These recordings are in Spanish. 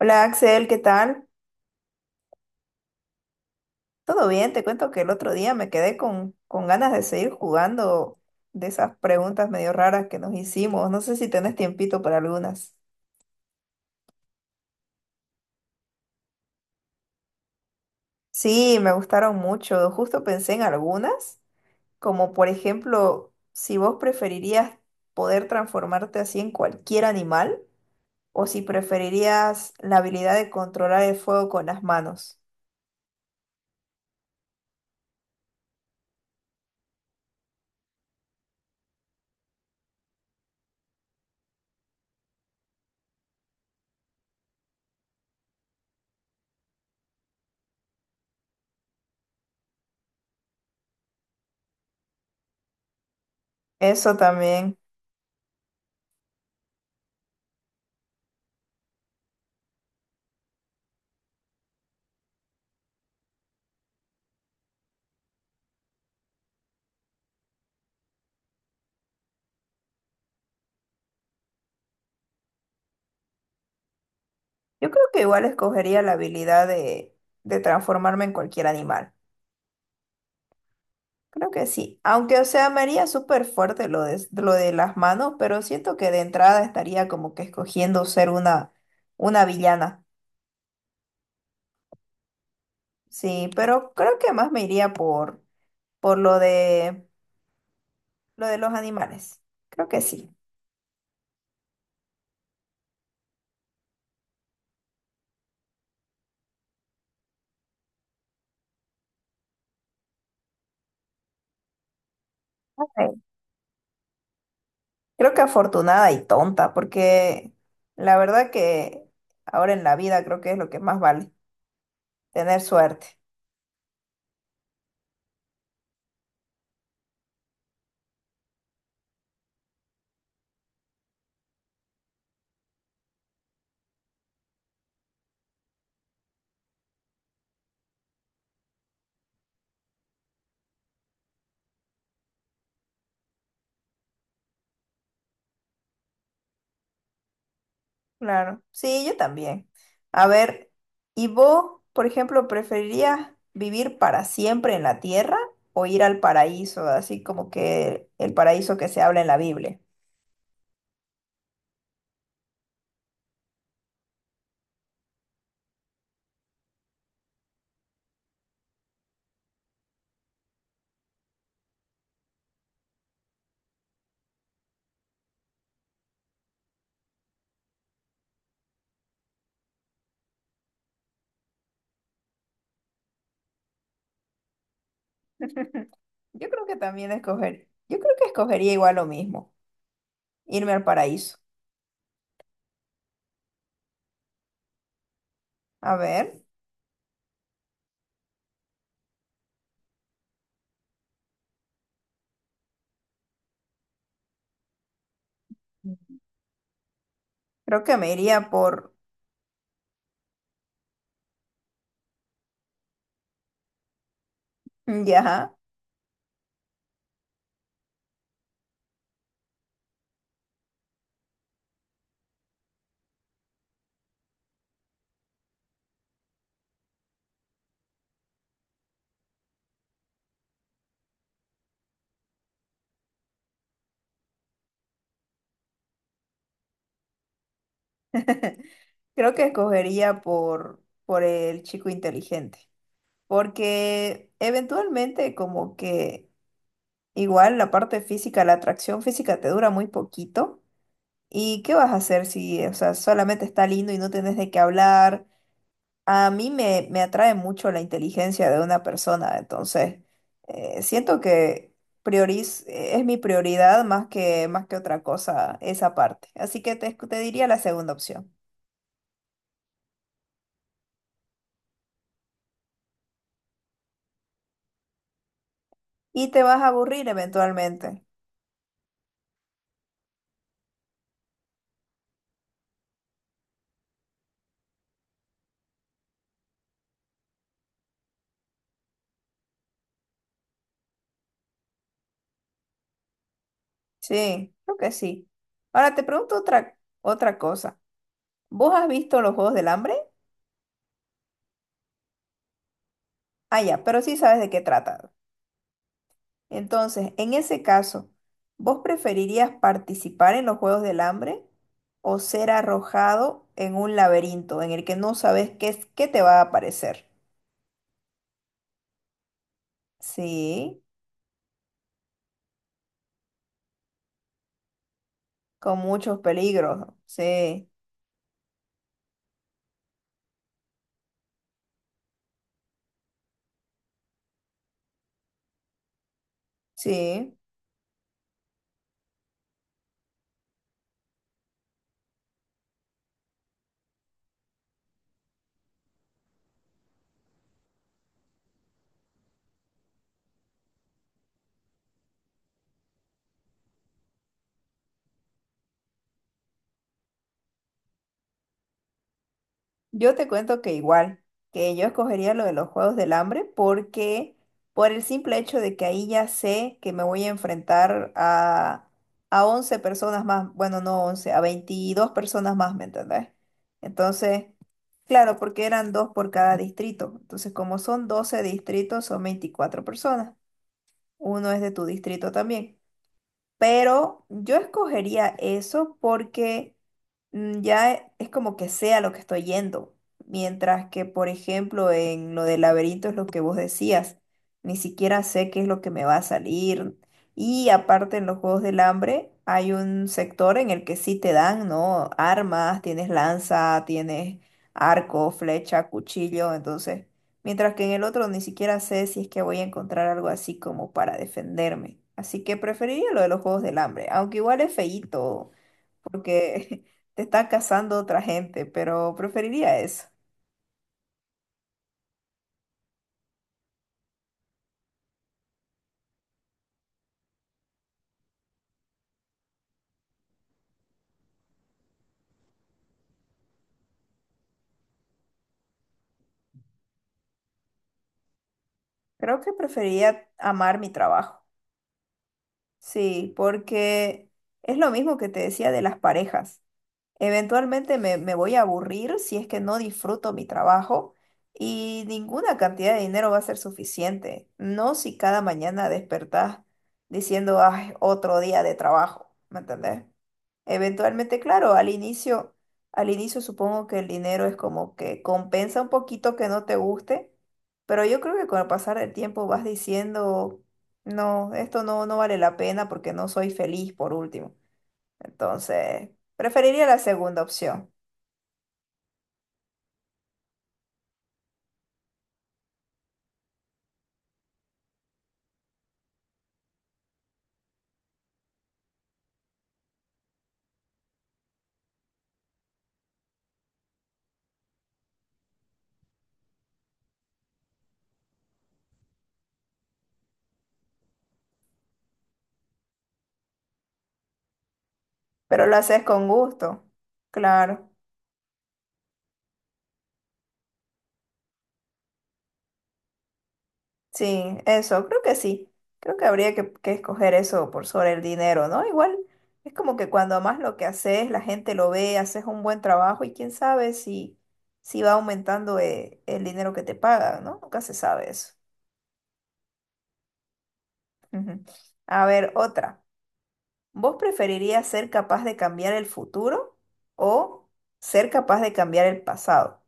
Hola Axel, ¿qué tal? ¿Todo bien? Te cuento que el otro día me quedé con ganas de seguir jugando de esas preguntas medio raras que nos hicimos. No sé si tenés tiempito para algunas. Sí, me gustaron mucho. Justo pensé en algunas, como por ejemplo, si vos preferirías poder transformarte así en cualquier animal o si preferirías la habilidad de controlar el fuego con las manos. Eso también. Yo creo que igual escogería la habilidad de transformarme en cualquier animal. Creo que sí, aunque o sea, me haría súper fuerte lo de, las manos, pero siento que de entrada estaría como que escogiendo ser una, villana. Sí, pero creo que más me iría por lo de los animales. Creo que sí. Ok. Creo que afortunada y tonta, porque la verdad que ahora en la vida creo que es lo que más vale, tener suerte. Claro, sí, yo también. A ver, ¿y vos, por ejemplo, preferirías vivir para siempre en la tierra o ir al paraíso, así como que el paraíso que se habla en la Biblia? Yo creo que también escoger, yo creo que escogería igual lo mismo, irme al paraíso. A ver, creo que me iría por, ya, creo que escogería por el chico inteligente, porque eventualmente como que igual la parte física, la atracción física te dura muy poquito. ¿Y qué vas a hacer si, o sea, solamente está lindo y no tenés de qué hablar? A mí me atrae mucho la inteligencia de una persona, entonces siento que prioriz es mi prioridad más que, otra cosa esa parte. Así que te diría la segunda opción. Y te vas a aburrir eventualmente. Sí, creo que sí. Ahora te pregunto otra cosa. ¿Vos has visto los Juegos del Hambre? Ah, ya, pero sí sabes de qué trata. Entonces, en ese caso, ¿vos preferirías participar en los Juegos del Hambre o ser arrojado en un laberinto en el que no sabes qué es, qué te va a aparecer? Sí, con muchos peligros. Sí, sí. Yo te cuento que igual, que yo escogería lo de los Juegos del Hambre porque por el simple hecho de que ahí ya sé que me voy a enfrentar a 11 personas más, bueno, no 11 a 22 personas más, ¿me entendés? Entonces, claro, porque eran dos por cada distrito. Entonces, como son 12 distritos, son 24 personas. Uno es de tu distrito también. Pero yo escogería eso porque ya es como que sea lo que estoy yendo. Mientras que, por ejemplo, en lo del laberinto es lo que vos decías. Ni siquiera sé qué es lo que me va a salir. Y aparte en los Juegos del Hambre hay un sector en el que sí te dan, ¿no? Armas, tienes lanza, tienes arco, flecha, cuchillo. Entonces mientras que en el otro ni siquiera sé si es que voy a encontrar algo así como para defenderme. Así que preferiría lo de los juegos del hambre, aunque igual es feíto, porque te está cazando otra gente, pero preferiría eso. Creo que preferiría amar mi trabajo. Sí, porque es lo mismo que te decía de las parejas. Eventualmente me voy a aburrir si es que no disfruto mi trabajo y ninguna cantidad de dinero va a ser suficiente. No si cada mañana despertás diciendo, ay, otro día de trabajo, ¿me entendés? Eventualmente, claro, al inicio, supongo que el dinero es como que compensa un poquito que no te guste, pero yo creo que con el pasar del tiempo vas diciendo, no, esto no, no vale la pena porque no soy feliz por último. Entonces, preferiría la segunda opción, pero lo haces con gusto. Claro, sí, eso, creo que sí. Creo que habría que, escoger eso por sobre el dinero, ¿no? Igual es como que cuando amas lo que haces, la gente lo ve, haces un buen trabajo y quién sabe si va aumentando el dinero que te pagan, ¿no? Nunca se sabe eso. Ujú. A ver, otra. ¿Vos preferirías ser capaz de cambiar el futuro o ser capaz de cambiar el pasado?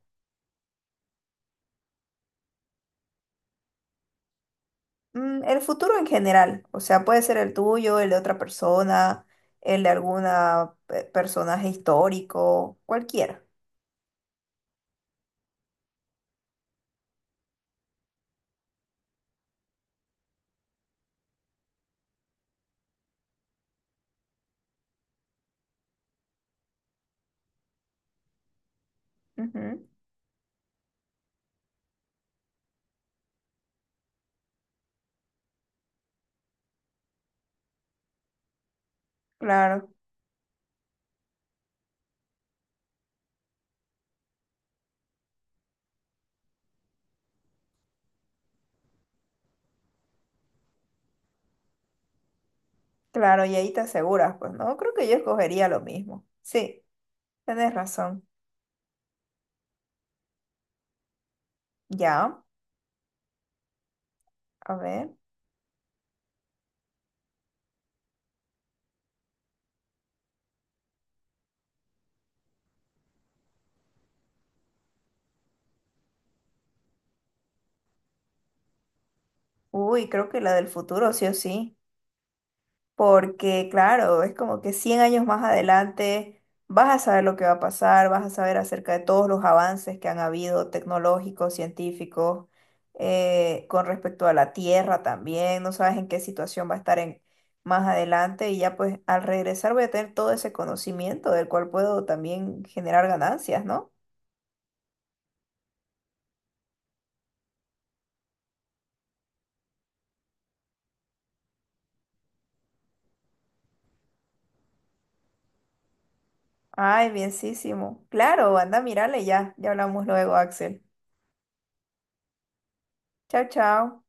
El futuro en general, o sea, puede ser el tuyo, el de otra persona, el de alguna personaje histórico, cualquiera. Ujú, claro, claro, y ahí te aseguras, pues no, creo que yo escogería lo mismo. Sí, tienes razón. Ya, a ver. Uy, creo que la del futuro, sí o sí. Porque, claro, es como que 100 años más adelante vas a saber lo que va a pasar, vas a saber acerca de todos los avances que han habido tecnológicos, científicos, con respecto a la Tierra también, no sabes en qué situación va a estar en, más adelante y ya pues al regresar voy a tener todo ese conocimiento del cual puedo también generar ganancias, ¿no? Ay, bienísimo. Claro, anda, mírale ya. Ya hablamos luego, Axel. Chao, chao.